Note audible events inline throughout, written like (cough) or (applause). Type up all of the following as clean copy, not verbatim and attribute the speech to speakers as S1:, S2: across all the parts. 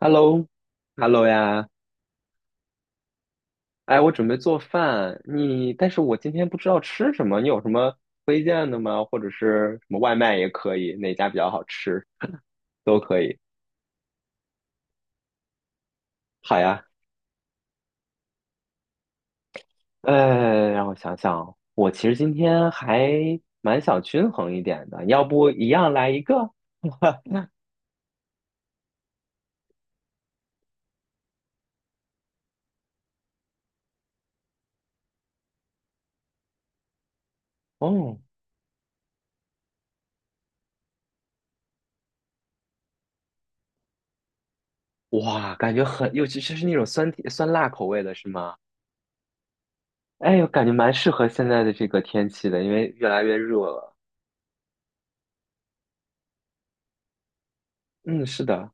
S1: Hello，Hello 呀，哎，我准备做饭，但是我今天不知道吃什么，你有什么推荐的吗？或者是什么外卖也可以，哪家比较好吃都可以。好呀，让我想想，我其实今天还蛮想均衡一点的，要不一样来一个？(laughs) 哦，哇，感觉很，尤其是那种酸甜酸辣口味的是吗？哎呦，感觉蛮适合现在的这个天气的，因为越来越热了。嗯，是的。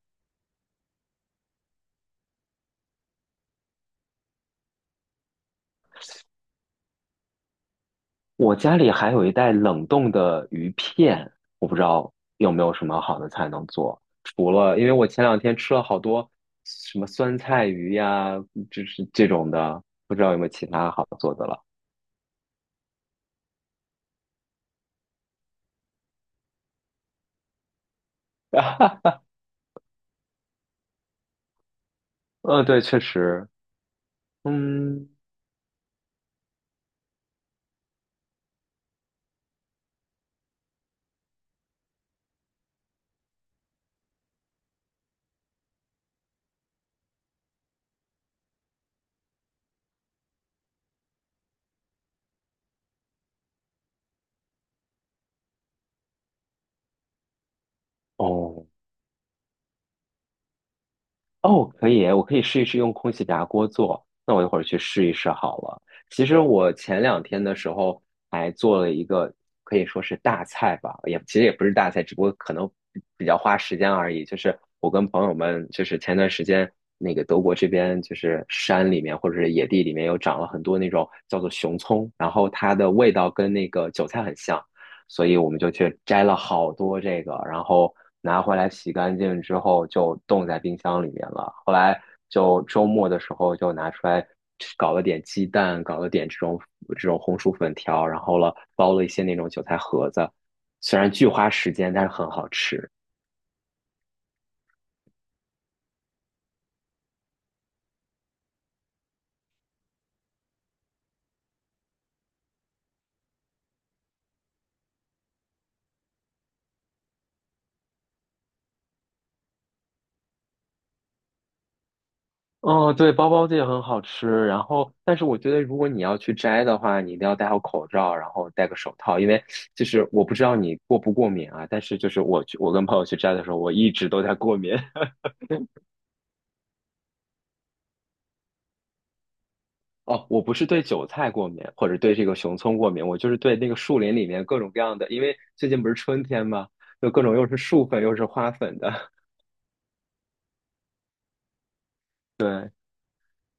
S1: 我家里还有一袋冷冻的鱼片，我不知道有没有什么好的菜能做。除了，因为我前两天吃了好多什么酸菜鱼呀，就是这种的，不知道有没有其他好做的了。(laughs) 嗯，对，确实，嗯，哦，哦，可以，我可以试一试用空气炸锅做。那我一会儿去试一试好了。其实我前两天的时候还做了一个，可以说是大菜吧，也其实也不是大菜，只不过可能比较花时间而已。就是我跟朋友们，就是前段时间那个德国这边，就是山里面或者是野地里面有长了很多那种叫做熊葱，然后它的味道跟那个韭菜很像。所以我们就去摘了好多这个，然后拿回来洗干净之后就冻在冰箱里面了。后来就周末的时候就拿出来搞了点鸡蛋，搞了点这种红薯粉条，然后了包了一些那种韭菜盒子，虽然巨花时间，但是很好吃。哦，对，包包子也很好吃。然后，但是我觉得，如果你要去摘的话，你一定要戴好口罩，然后戴个手套，因为就是我不知道你过不过敏啊。但是就是我去，我跟朋友去摘的时候，我一直都在过敏。(laughs) 哦，我不是对韭菜过敏，或者对这个熊葱过敏，我就是对那个树林里面各种各样的，因为最近不是春天嘛，就各种又是树粉又是花粉的。(laughs) 对，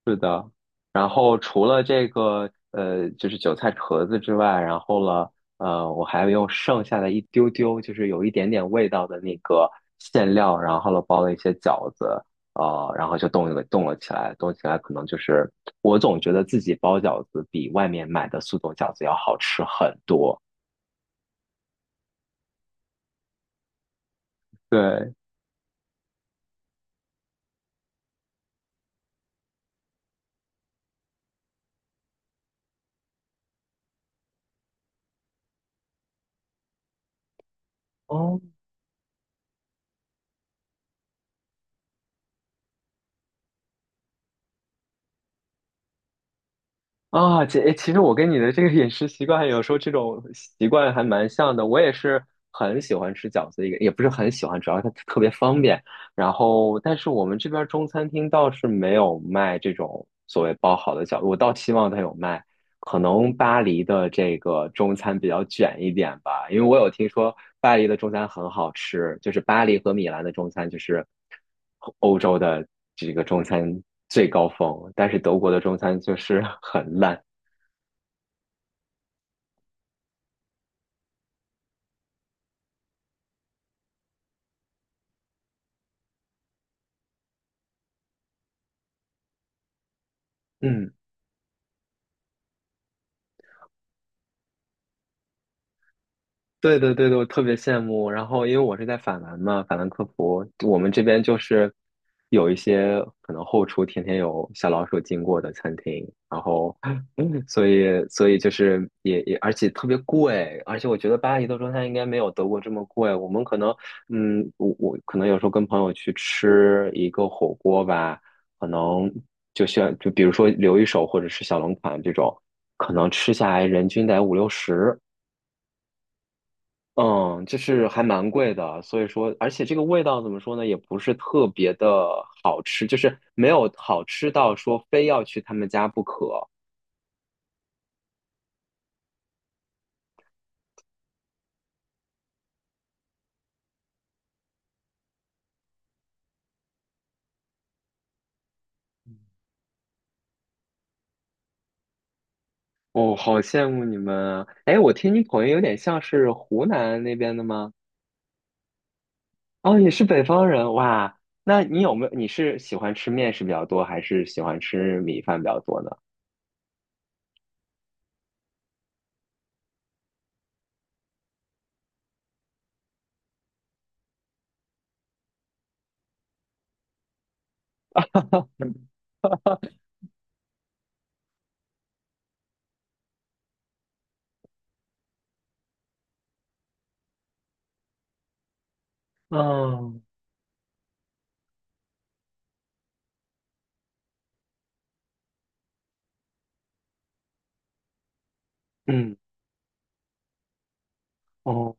S1: 是的，然后除了这个就是韭菜壳子之外，然后了我还用剩下的一丢丢，就是有一点点味道的那个馅料，然后了包了一些饺子，然后就冻了起来，冻起来可能就是我总觉得自己包饺子比外面买的速冻饺子要好吃很多。对，哦，啊，姐，诶其实我跟你的这个饮食习惯，有时候这种习惯还蛮像的。我也是很喜欢吃饺子，一个也不是很喜欢，主要它特别方便。然后，但是我们这边中餐厅倒是没有卖这种所谓包好的饺子，我倒希望它有卖。可能巴黎的这个中餐比较卷一点吧，因为我有听说巴黎的中餐很好吃，就是巴黎和米兰的中餐就是欧洲的这个中餐最高峰，但是德国的中餐就是 (laughs) 很烂。嗯。对对对对，我特别羡慕。然后，因为我是在法兰嘛，法兰克福，我们这边就是有一些可能后厨天天有小老鼠经过的餐厅，然后，(laughs) 所以，所以就是也也，而且特别贵，而且我觉得巴黎的中餐应该没有德国这么贵。我们可能，嗯，我可能有时候跟朋友去吃一个火锅吧，可能就像就比如说留一手或者是小龙坎这种，可能吃下来人均得五六十。嗯，就是还蛮贵的，所以说，而且这个味道怎么说呢，也不是特别的好吃，就是没有好吃到说非要去他们家不可。哦，好羡慕你们啊！哎，我听你口音有点像是湖南那边的吗？哦，你是北方人哇？那你有没有，你是喜欢吃面食比较多，还是喜欢吃米饭比较多呢？(laughs) 嗯嗯哦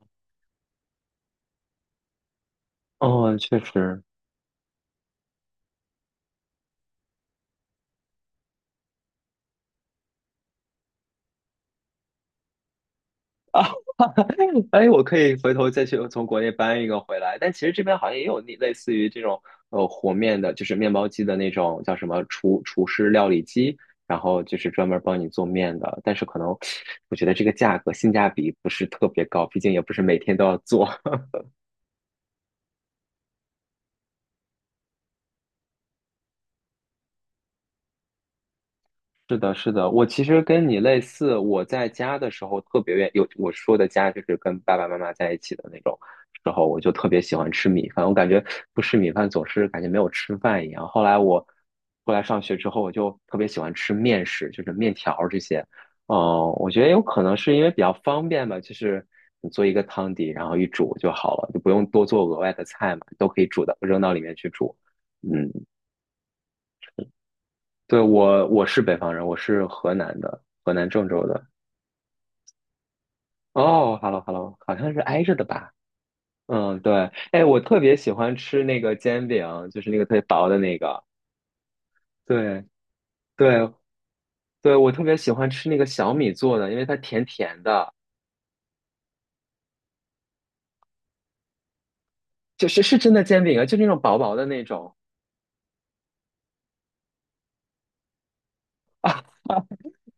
S1: 哦，确实，啊，(laughs) 哎，我可以回头再去从国内搬一个回来。但其实这边好像也有那类似于这种和面的，就是面包机的那种叫什么厨师料理机，然后就是专门帮你做面的。但是可能我觉得这个价格性价比不是特别高，毕竟也不是每天都要做。是的，是的，我其实跟你类似，我在家的时候特别愿有我说的家就是跟爸爸妈妈在一起的那种时候，我就特别喜欢吃米饭，我感觉不吃米饭总是感觉没有吃饭一样。后来上学之后，我就特别喜欢吃面食，就是面条儿这些。嗯，我觉得有可能是因为比较方便吧，就是你做一个汤底，然后一煮就好了，就不用多做额外的菜嘛，都可以煮的，扔到里面去煮。嗯，对，我是北方人，我是河南的，河南郑州的。哦，hello，hello，好像是挨着的吧？嗯，对。哎，我特别喜欢吃那个煎饼，就是那个特别薄的那个。对，对，对，我特别喜欢吃那个小米做的，因为它甜甜的，就是是真的煎饼啊，就那种薄薄的那种。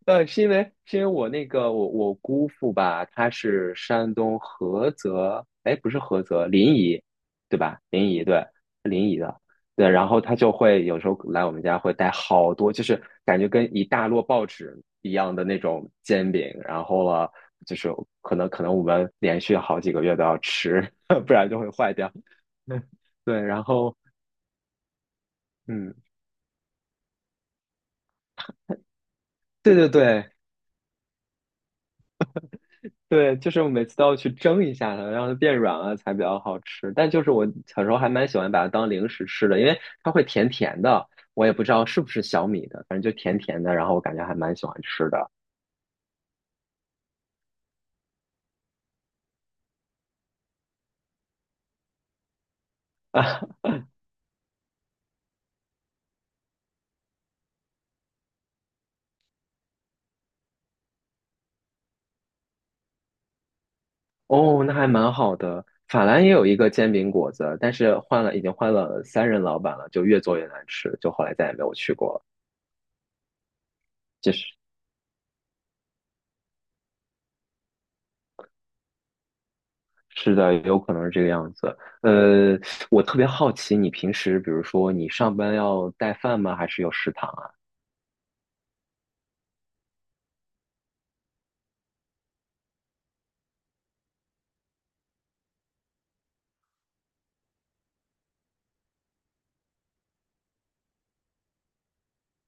S1: 是因为我那个我我姑父吧，他是山东菏泽，哎，不是菏泽，临沂，对吧？临沂，对，临沂的，对。然后他就会有时候来我们家会带好多，就是感觉跟一大摞报纸一样的那种煎饼，然后了，就是可能我们连续好几个月都要吃，(laughs) 不然就会坏掉。(laughs) 对，然后嗯，对对对，对，就是我每次都要去蒸一下它，让它变软了才比较好吃。但就是我小时候还蛮喜欢把它当零食吃的，因为它会甜甜的，我也不知道是不是小米的，反正就甜甜的，然后我感觉还蛮喜欢吃的。哦，那还蛮好的。法兰也有一个煎饼果子，但是换了，已经换了三任老板了，就越做越难吃，就后来再也没有去过了。就是是的，有可能是这个样子。呃，我特别好奇，你平时比如说你上班要带饭吗？还是有食堂啊？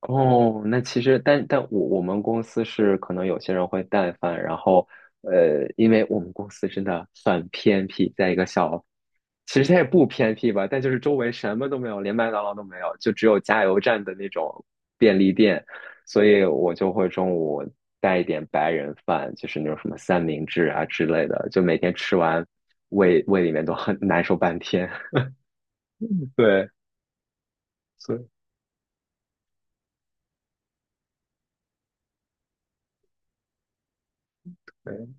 S1: 哦，那其实，但我们公司是可能有些人会带饭，然后因为我们公司真的很偏僻，在一个小，其实它也不偏僻吧，但就是周围什么都没有，连麦当劳都没有，就只有加油站的那种便利店，所以我就会中午带一点白人饭，就是那种什么三明治啊之类的，就每天吃完，胃里面都很难受半天，(laughs) 对，所以对。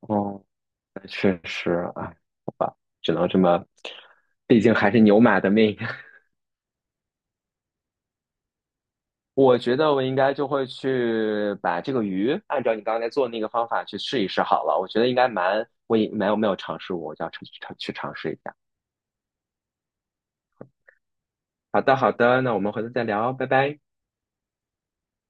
S1: 哦，那确实，啊。只能这么，毕竟还是牛马的命。(laughs) 我觉得我应该就会去把这个鱼按照你刚才做的那个方法去试一试好了。我觉得应该蛮，我也没有尝试过，我就要去尝试一下。好的，好的，那我们回头再聊，拜拜。